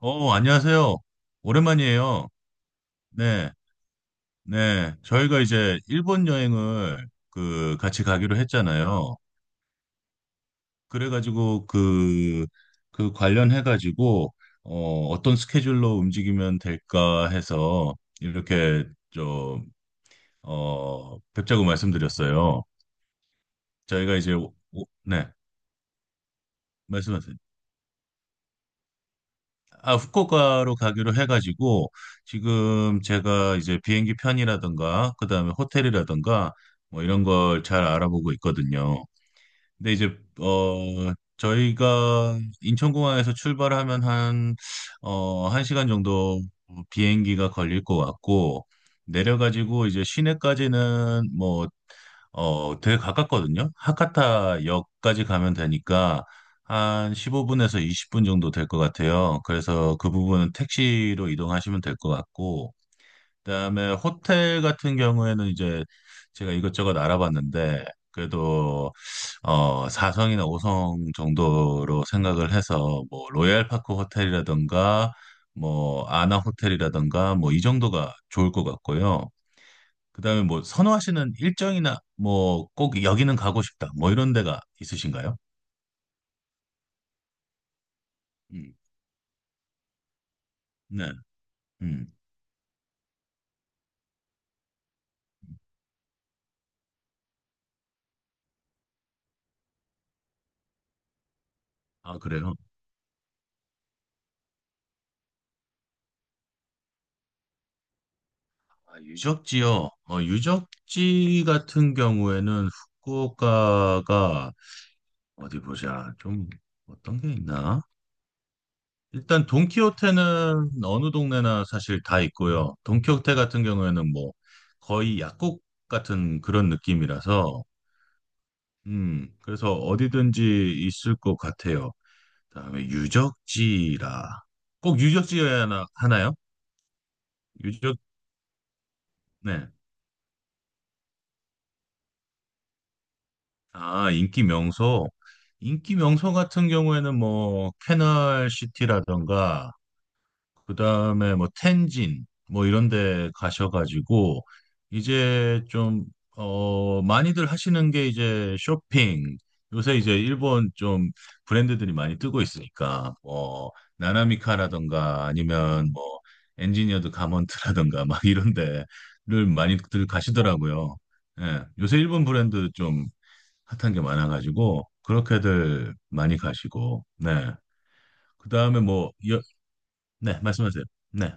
안녕하세요. 오랜만이에요. 네, 네. 저희가 이제 일본 여행을 같이 가기로 했잖아요. 그래가지고 그 관련해가지고 어떤 스케줄로 움직이면 될까 해서 이렇게 좀, 뵙자고 말씀드렸어요. 저희가 이제, 네, 말씀하세요. 아, 후쿠오카로 가기로 해가지고 지금 제가 이제 비행기 편이라든가 그다음에 호텔이라든가 뭐 이런 걸 잘 알아보고 있거든요. 근데 이제 어 저희가 인천공항에서 출발하면 한 한 시간 정도 비행기가 걸릴 것 같고, 내려가지고 이제 시내까지는 뭐 되게 가깝거든요. 하카타 역까지 가면 되니까 한 15분에서 20분 정도 될 것 같아요. 그래서 그 부분은 택시로 이동하시면 될 것 같고, 그다음에 호텔 같은 경우에는 이제 제가 이것저것 알아봤는데, 그래도 4성이나 5성 정도로 생각을 해서, 뭐 로얄파크 호텔이라든가 뭐 아나 호텔이라든가 뭐 이 정도가 좋을 것 같고요. 그다음에 뭐 선호하시는 일정이나 뭐 꼭 여기는 가고 싶다, 뭐 이런 데가 있으신가요? 음. 네. 음. 아, 그래요? 아, 유적. 지요 유적지 같은 경우에는 후쿠오카가 어디 보자. 좀 어떤 게 있나? 일단 돈키호테는 어느 동네나 사실 다 있고요. 돈키호테 같은 경우에는 뭐 거의 약국 같은 그런 느낌이라서, 그래서 어디든지 있을 것 같아요. 그다음에 유적지라. 꼭 유적지여야 하나요? 유적, 네. 아, 인기 명소. 인기 명소 같은 경우에는 뭐, 캐널시티라던가, 그다음에 뭐 텐진 뭐 이런 데 가셔가지고 이제 좀 많이들 하시는 게 이제 쇼핑. 요새 이제 일본 좀 브랜드들이 많이 뜨고 있으니까, 뭐 나나미카라던가 아니면 뭐 엔지니어드 가먼트라던가 막 이런 데를 많이들 가시더라고요. 예. 요새 일본 브랜드 좀 핫한 게 많아가지고 그렇게들 많이 가시고, 네. 그다음에 네, 말씀하세요. 네.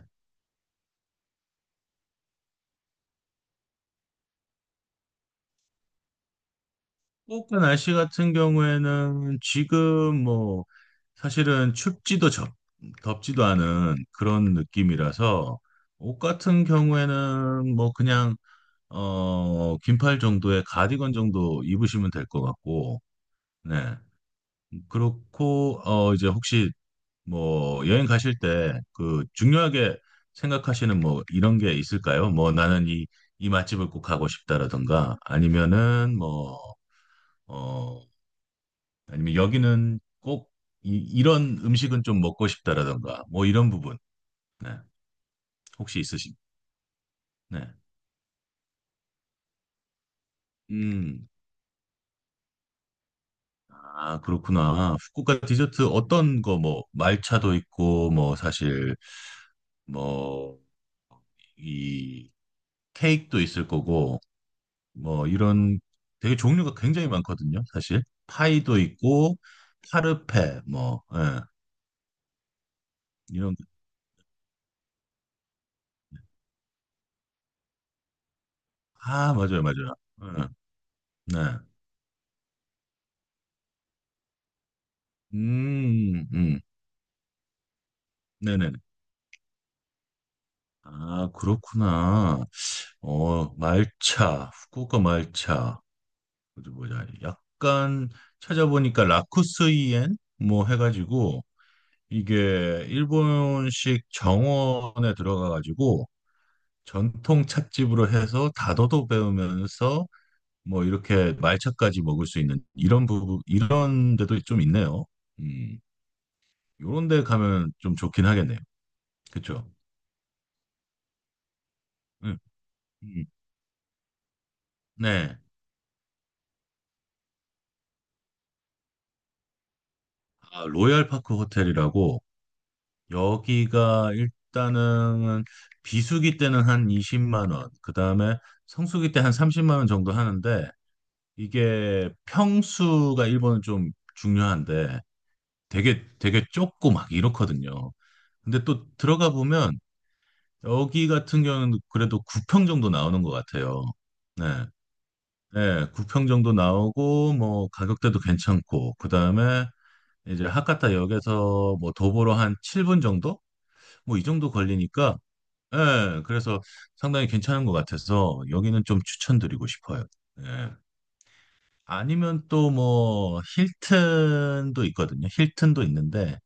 후쿠오카 날씨 같은 경우에는 지금 뭐 사실은 덥지도 않은 그런 느낌이라서, 옷 같은 경우에는 뭐 그냥 긴팔 정도의 가디건 정도 입으시면 될 것 같고, 네. 그렇고 이제 혹시 뭐 여행 가실 때 그 중요하게 생각하시는 뭐 이런 게 있을까요? 뭐, 나는 이 맛집을 꼭 가고 싶다라든가, 아니면은 뭐어 아니면 여기는 꼭 이런 음식은 좀 먹고 싶다라던가, 뭐 이런 부분. 네. 혹시 있으신? 네. 음. 아, 그렇구나. 후쿠오카 디저트 어떤 거. 뭐 말차도 있고, 뭐 사실 뭐 이 케이크도 있을 거고, 뭐 이런 되게 종류가 굉장히 많거든요, 사실. 파이도 있고, 파르페 뭐, 예, 이런. 아, 맞아요, 맞아요. 예, 네. 음, 음. 네네. 아, 그렇구나. 어, 말차, 후쿠오카 말차. 어디 보자. 약간 찾아보니까 라쿠스이엔 뭐 해가지고, 이게 일본식 정원에 들어가가지고 전통 찻집으로 해서 다도도 배우면서 뭐 이렇게 말차까지 먹을 수 있는 이런 부분, 이런 데도 좀 있네요. 음, 요런 데 가면 좀 좋긴 하겠네요. 그쵸? 음, 음. 네. 아, 로얄파크 호텔이라고. 여기가 일단은 비수기 때는 한 20만 원, 그 다음에 성수기 때 한 30만 원 정도 하는데, 이게 평수가 일본은 좀 중요한데, 되게 되게 좁고 막 이렇거든요. 근데 또 들어가 보면 여기 같은 경우는 그래도 9평 정도 나오는 것 같아요. 네, 네, 9평 정도 나오고 뭐 가격대도 괜찮고, 그 다음에 이제 하카타 역에서 뭐 도보로 한 7분 정도? 뭐 이 정도 걸리니까, 예, 그래서 상당히 괜찮은 것 같아서 여기는 좀 추천드리고 싶어요. 예. 아니면 또 뭐 힐튼도 있거든요. 힐튼도 있는데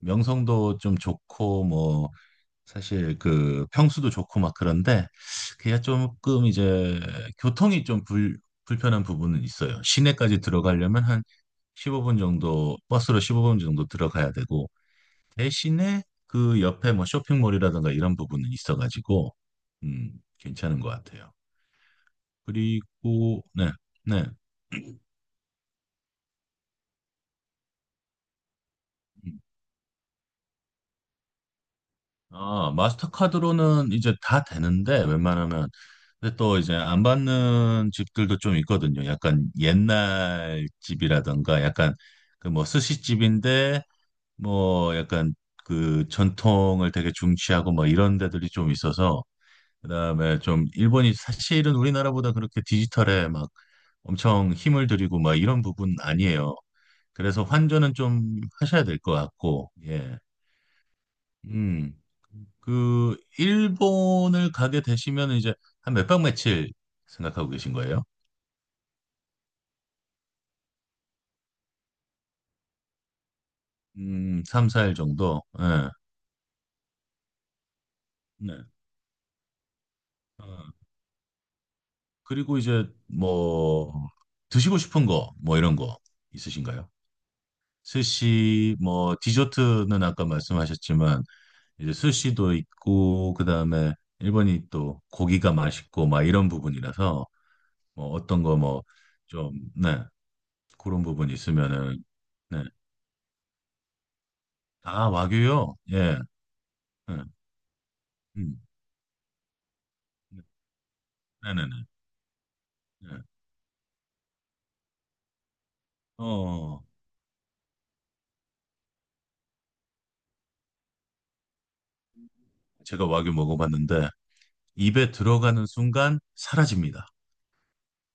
명성도 좀 좋고, 뭐 사실 그 평수도 좋고 막 그런데, 그게 조금 이제 교통이 좀 불편한 부분은 있어요. 시내까지 들어가려면 한 15분 정도, 버스로 15분 정도 들어가야 되고, 대신에 그 옆에 뭐 쇼핑몰이라든가 이런 부분은 있어가지고, 음, 괜찮은 것 같아요. 그리고 네, 네. 음. 아, 마스터카드로는 이제 다 되는데, 웬만하면, 근데 또 이제 안 받는 집들도 좀 있거든요. 약간 옛날 집이라든가, 약간 그 뭐 스시집인데 뭐 약간 그 전통을 되게 중시하고 뭐 이런 데들이 좀 있어서. 그다음에 좀 일본이 사실은 우리나라보다 그렇게 디지털에 막 엄청 힘을 들이고 막 이런 부분 아니에요. 그래서 환전은 좀 하셔야 될 것 같고, 예. 음. 그 일본을 가게 되시면 이제 한 몇 박 며칠 생각하고 계신 거예요? 3, 4일 정도. 예. 네. 어, 그리고 이제 뭐 드시고 싶은 거 뭐 이런 거 있으신가요? 스시 뭐, 디저트는 아까 말씀하셨지만 이제 스시도 있고, 그다음에 일본이 또 고기가 맛있고 막 이런 부분이라서, 뭐 어떤 거 뭐 좀, 네. 그런 부분 있으면은. 네. 아, 와규요? 예. 네. 음. 네, 네, 네. 네. 어, 제가 와규 먹어봤는데 입에 들어가는 순간 사라집니다.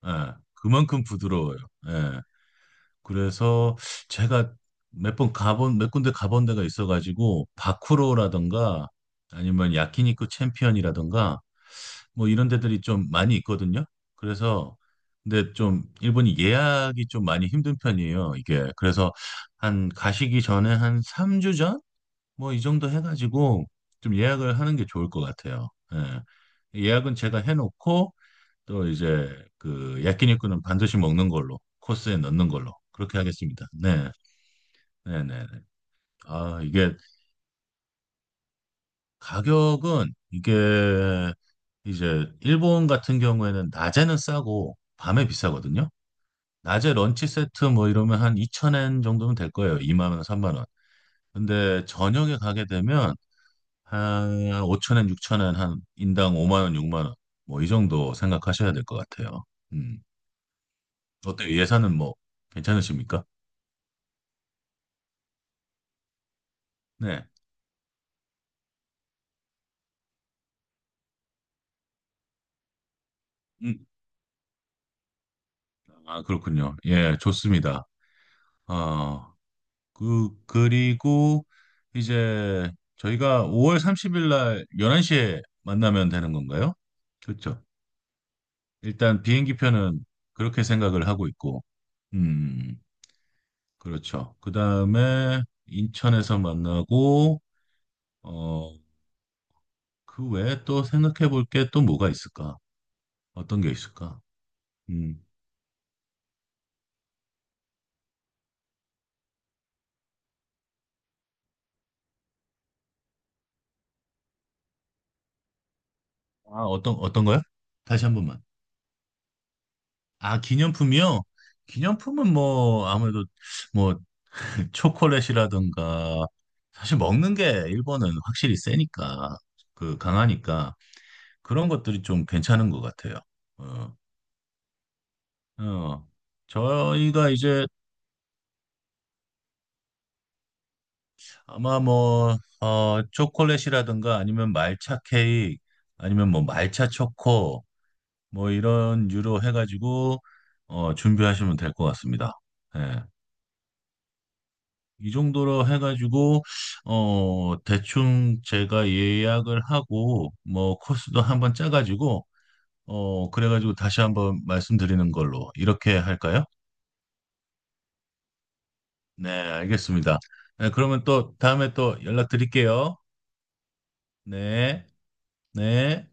예. 그만큼 부드러워요. 예. 그래서 제가 몇 군데 가본 데가 있어가지고, 바쿠로라던가, 아니면 야키니쿠 챔피언이라던가, 뭐 이런 데들이 좀 많이 있거든요. 그래서, 근데 좀, 일본이 예약이 좀 많이 힘든 편이에요, 이게. 그래서, 한, 가시기 전에 한 3주 전? 뭐 이 정도 해가지고, 좀 예약을 하는 게 좋을 것 같아요. 예. 예약은 제가 해놓고, 또 이제 그 야끼니쿠는 반드시 먹는 걸로, 코스에 넣는 걸로 그렇게 하겠습니다. 네, 네, 네. 네. 아 이게 가격은 이게 이제 일본 같은 경우에는 낮에는 싸고 밤에 비싸거든요. 낮에 런치 세트 뭐 이러면 한2천엔 정도면 될 거예요. 2만 원, 3만 원. 근데 저녁에 가게 되면 한5천엔6천엔 한 인당 5만 원, 6만 원. 뭐 이 정도 생각하셔야 될 것 같아요. 음. 어때요? 예산은 뭐 괜찮으십니까? 네. 음. 아, 그렇군요. 예, 좋습니다. 어, 그리고 이제 저희가 5월 30일 날 11시에 만나면 되는 건가요? 그렇죠. 일단 비행기 표는 그렇게 생각을 하고 있고, 음, 그렇죠. 그 다음에 인천에서 만나고, 어, 그 외에 또 생각해 볼 게 또 뭐가 있을까? 어떤 게 있을까? 음, 아, 어떤 거요? 다시 한 번만. 아, 기념품이요? 기념품은 뭐 아무래도 뭐 초콜릿이라든가, 사실 먹는 게 일본은 확실히 세니까, 그 강하니까, 그런 것들이 좀 괜찮은 것 같아요. 어, 어. 저희가 이제 아마 뭐 초콜릿이라든가 아니면 말차 케이크 아니면 뭐 말차 초코 뭐 이런 유로 해가지고 준비하시면 될 것 같습니다. 예. 이 정도로 해가지고 대충 제가 예약을 하고 뭐 코스도 한번 짜가지고 그래가지고 다시 한번 말씀드리는 걸로 이렇게 할까요? 네, 알겠습니다. 네, 그러면 또 다음에 또 연락드릴게요. 네, 네.